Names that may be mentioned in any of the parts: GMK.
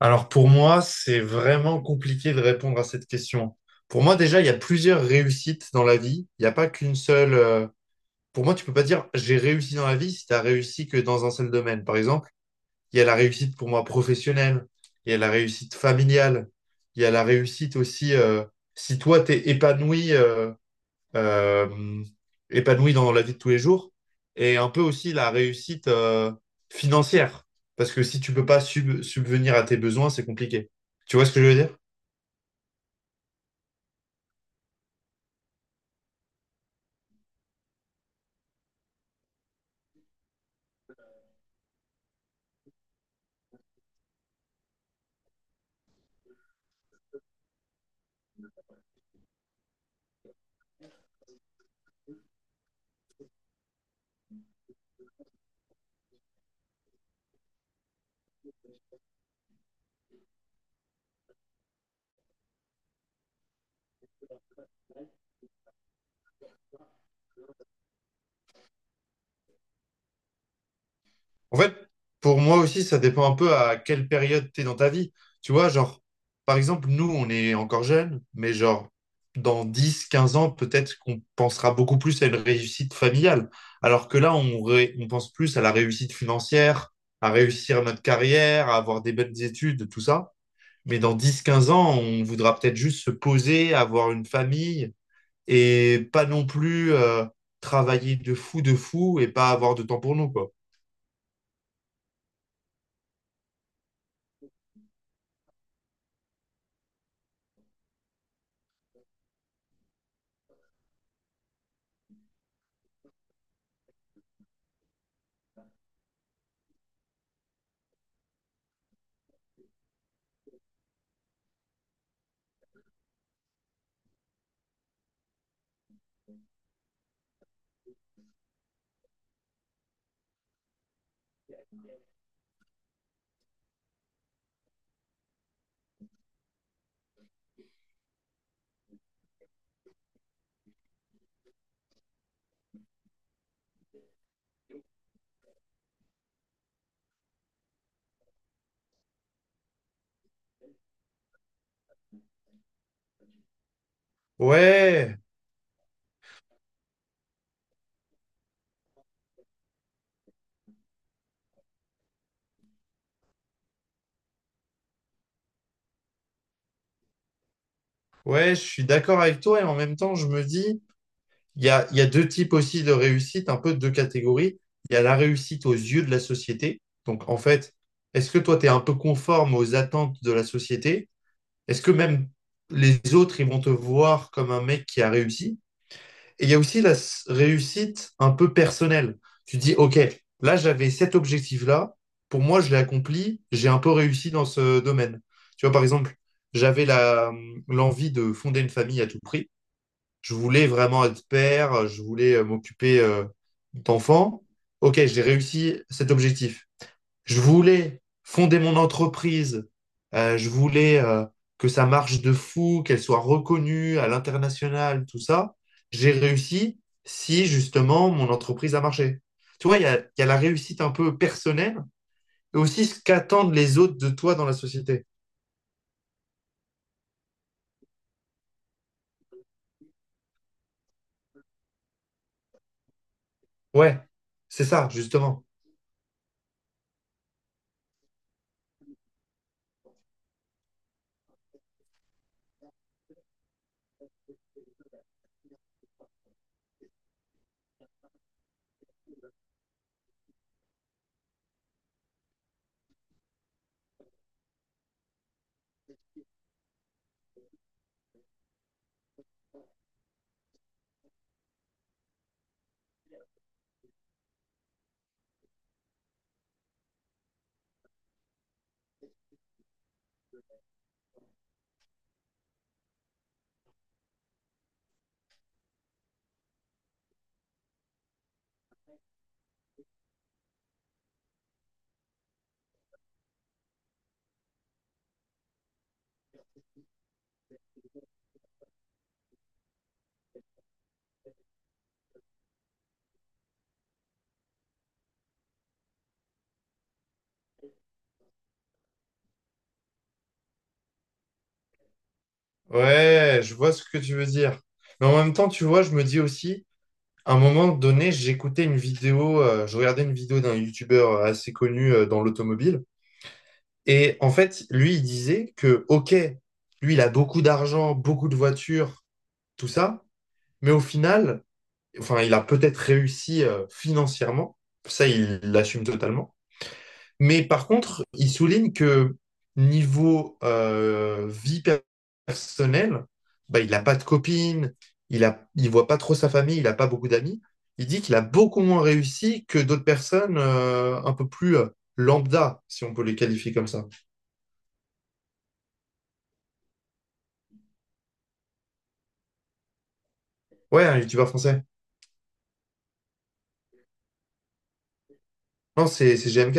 Alors pour moi, c'est vraiment compliqué de répondre à cette question. Pour moi, déjà, il y a plusieurs réussites dans la vie. Il n'y a pas qu'une seule. Pour moi, tu peux pas dire j'ai réussi dans la vie si tu as réussi que dans un seul domaine. Par exemple, il y a la réussite pour moi professionnelle, il y a la réussite familiale, il y a la réussite aussi si toi t'es épanoui. Euh, Épanoui dans la vie de tous les jours et un peu aussi la réussite financière. Parce que si tu peux pas subvenir à tes besoins, c'est compliqué. Tu vois ce que je veux dire? En fait, pour moi aussi, ça dépend un peu à quelle période tu es dans ta vie. Tu vois, genre, par exemple, nous, on est encore jeunes, mais genre, dans 10 15 ans, peut-être qu'on pensera beaucoup plus à une réussite familiale. Alors que là, on pense plus à la réussite financière, à réussir notre carrière, à avoir des bonnes études, tout ça. Mais dans 10 15 ans, on voudra peut-être juste se poser, avoir une famille et pas non plus travailler de fou et pas avoir de temps pour nous, quoi. Ouais, ouais, je suis d'accord avec toi et en même temps, je me dis, il y a deux types aussi de réussite, un peu deux catégories. Il y a la réussite aux yeux de la société. Donc, en fait, est-ce que toi, tu es un peu conforme aux attentes de la société? Est-ce que même les autres, ils vont te voir comme un mec qui a réussi? Et il y a aussi la réussite un peu personnelle. Tu dis, OK, là, j'avais cet objectif-là. Pour moi, je l'ai accompli. J'ai un peu réussi dans ce domaine. Tu vois, par exemple, j'avais l'envie de fonder une famille à tout prix. Je voulais vraiment être père. Je voulais m'occuper d'enfants. OK, j'ai réussi cet objectif. Je voulais fonder mon entreprise. Je voulais que ça marche de fou, qu'elle soit reconnue à l'international, tout ça. J'ai réussi si justement mon entreprise a marché. Tu vois, il y a la réussite un peu personnelle et aussi ce qu'attendent les autres de toi dans la société. Ouais, c'est ça, justement. Ouais, je vois ce que tu veux dire. Mais en même temps, tu vois, je me dis aussi, à un moment donné, je regardais une vidéo d'un youtubeur assez connu dans l'automobile. Et en fait, lui, il disait que, OK, lui, il a beaucoup d'argent, beaucoup de voitures, tout ça, mais au final, enfin, il a peut-être réussi financièrement, ça, il l'assume totalement. Mais par contre, il souligne que niveau personnelle, bah, il n'a pas de copine, il voit pas trop sa famille, il n'a pas beaucoup d'amis. Il dit qu'il a beaucoup moins réussi que d'autres personnes un peu plus lambda, si on peut les qualifier comme ça. Ouais, un youtubeur français. Non, c'est GMK.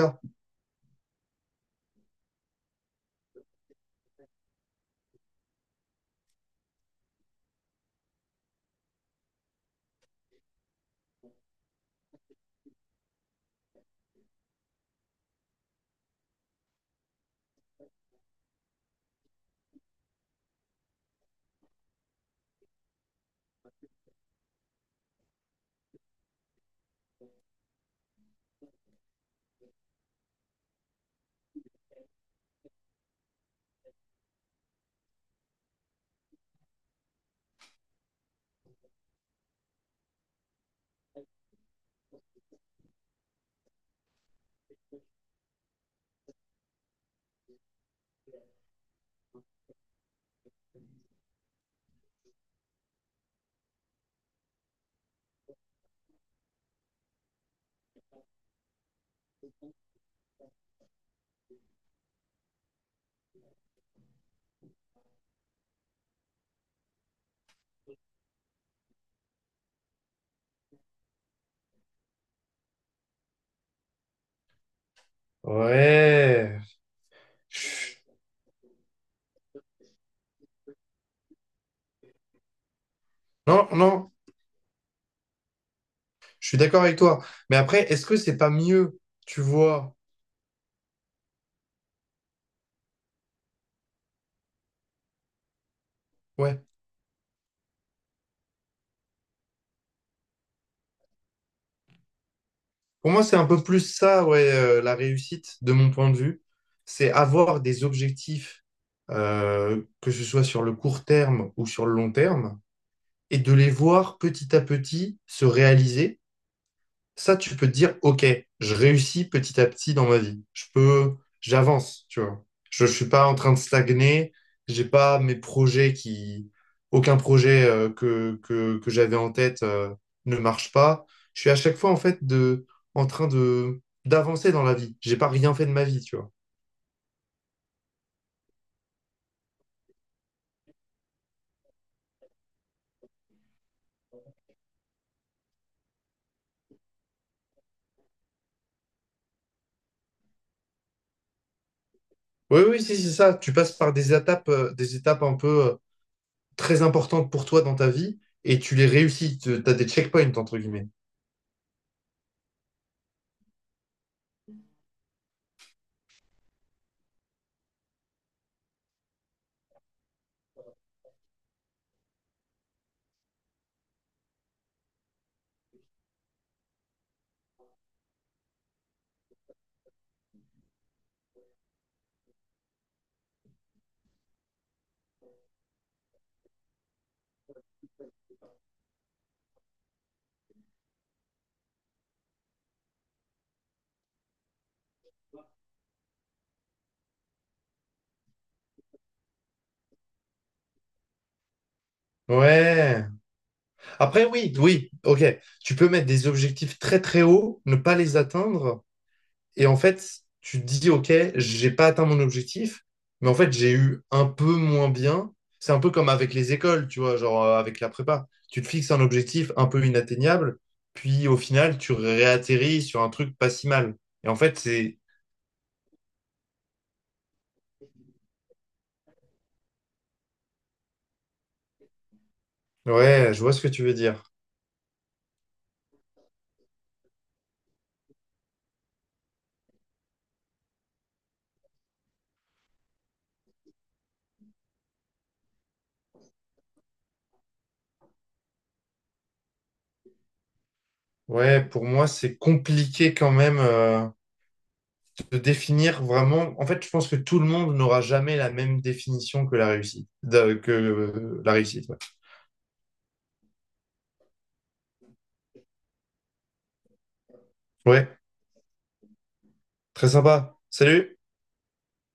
Ouais. Non, non, je suis d'accord avec toi. Mais après, est-ce que c'est pas mieux, tu vois? Ouais. Pour moi, c'est un peu plus ça, ouais, la réussite, de mon point de vue. C'est avoir des objectifs, que ce soit sur le court terme ou sur le long terme, et de les voir petit à petit se réaliser. Ça, tu peux te dire, OK, je réussis petit à petit dans ma vie. Je peux, j'avance, tu vois. Je ne suis pas en train de stagner. J'ai pas mes projets qui, aucun projet que j'avais en tête ne marche pas. Je suis à chaque fois, en fait, en train d'avancer dans la vie. J'ai pas rien fait de ma vie, tu vois. Oui, oui, si, c'est ça. Tu passes par des étapes un peu très importantes pour toi dans ta vie et tu les réussis. Tu as des checkpoints, entre guillemets. Ouais. Après, oui, oui, ok. Tu peux mettre des objectifs très très hauts, ne pas les atteindre. Et en fait, tu te dis, OK, j'ai pas atteint mon objectif, mais en fait, j'ai eu un peu moins bien. C'est un peu comme avec les écoles, tu vois, genre avec la prépa. Tu te fixes un objectif un peu inatteignable, puis au final, tu réatterris sur un truc pas si mal. Et en fait, c'est... Ouais, je vois ce que tu veux dire. Ouais, pour moi, c'est compliqué quand même de définir vraiment. En fait, je pense que tout le monde n'aura jamais la même définition que la réussite. Ouais, ouais, très sympa. Salut!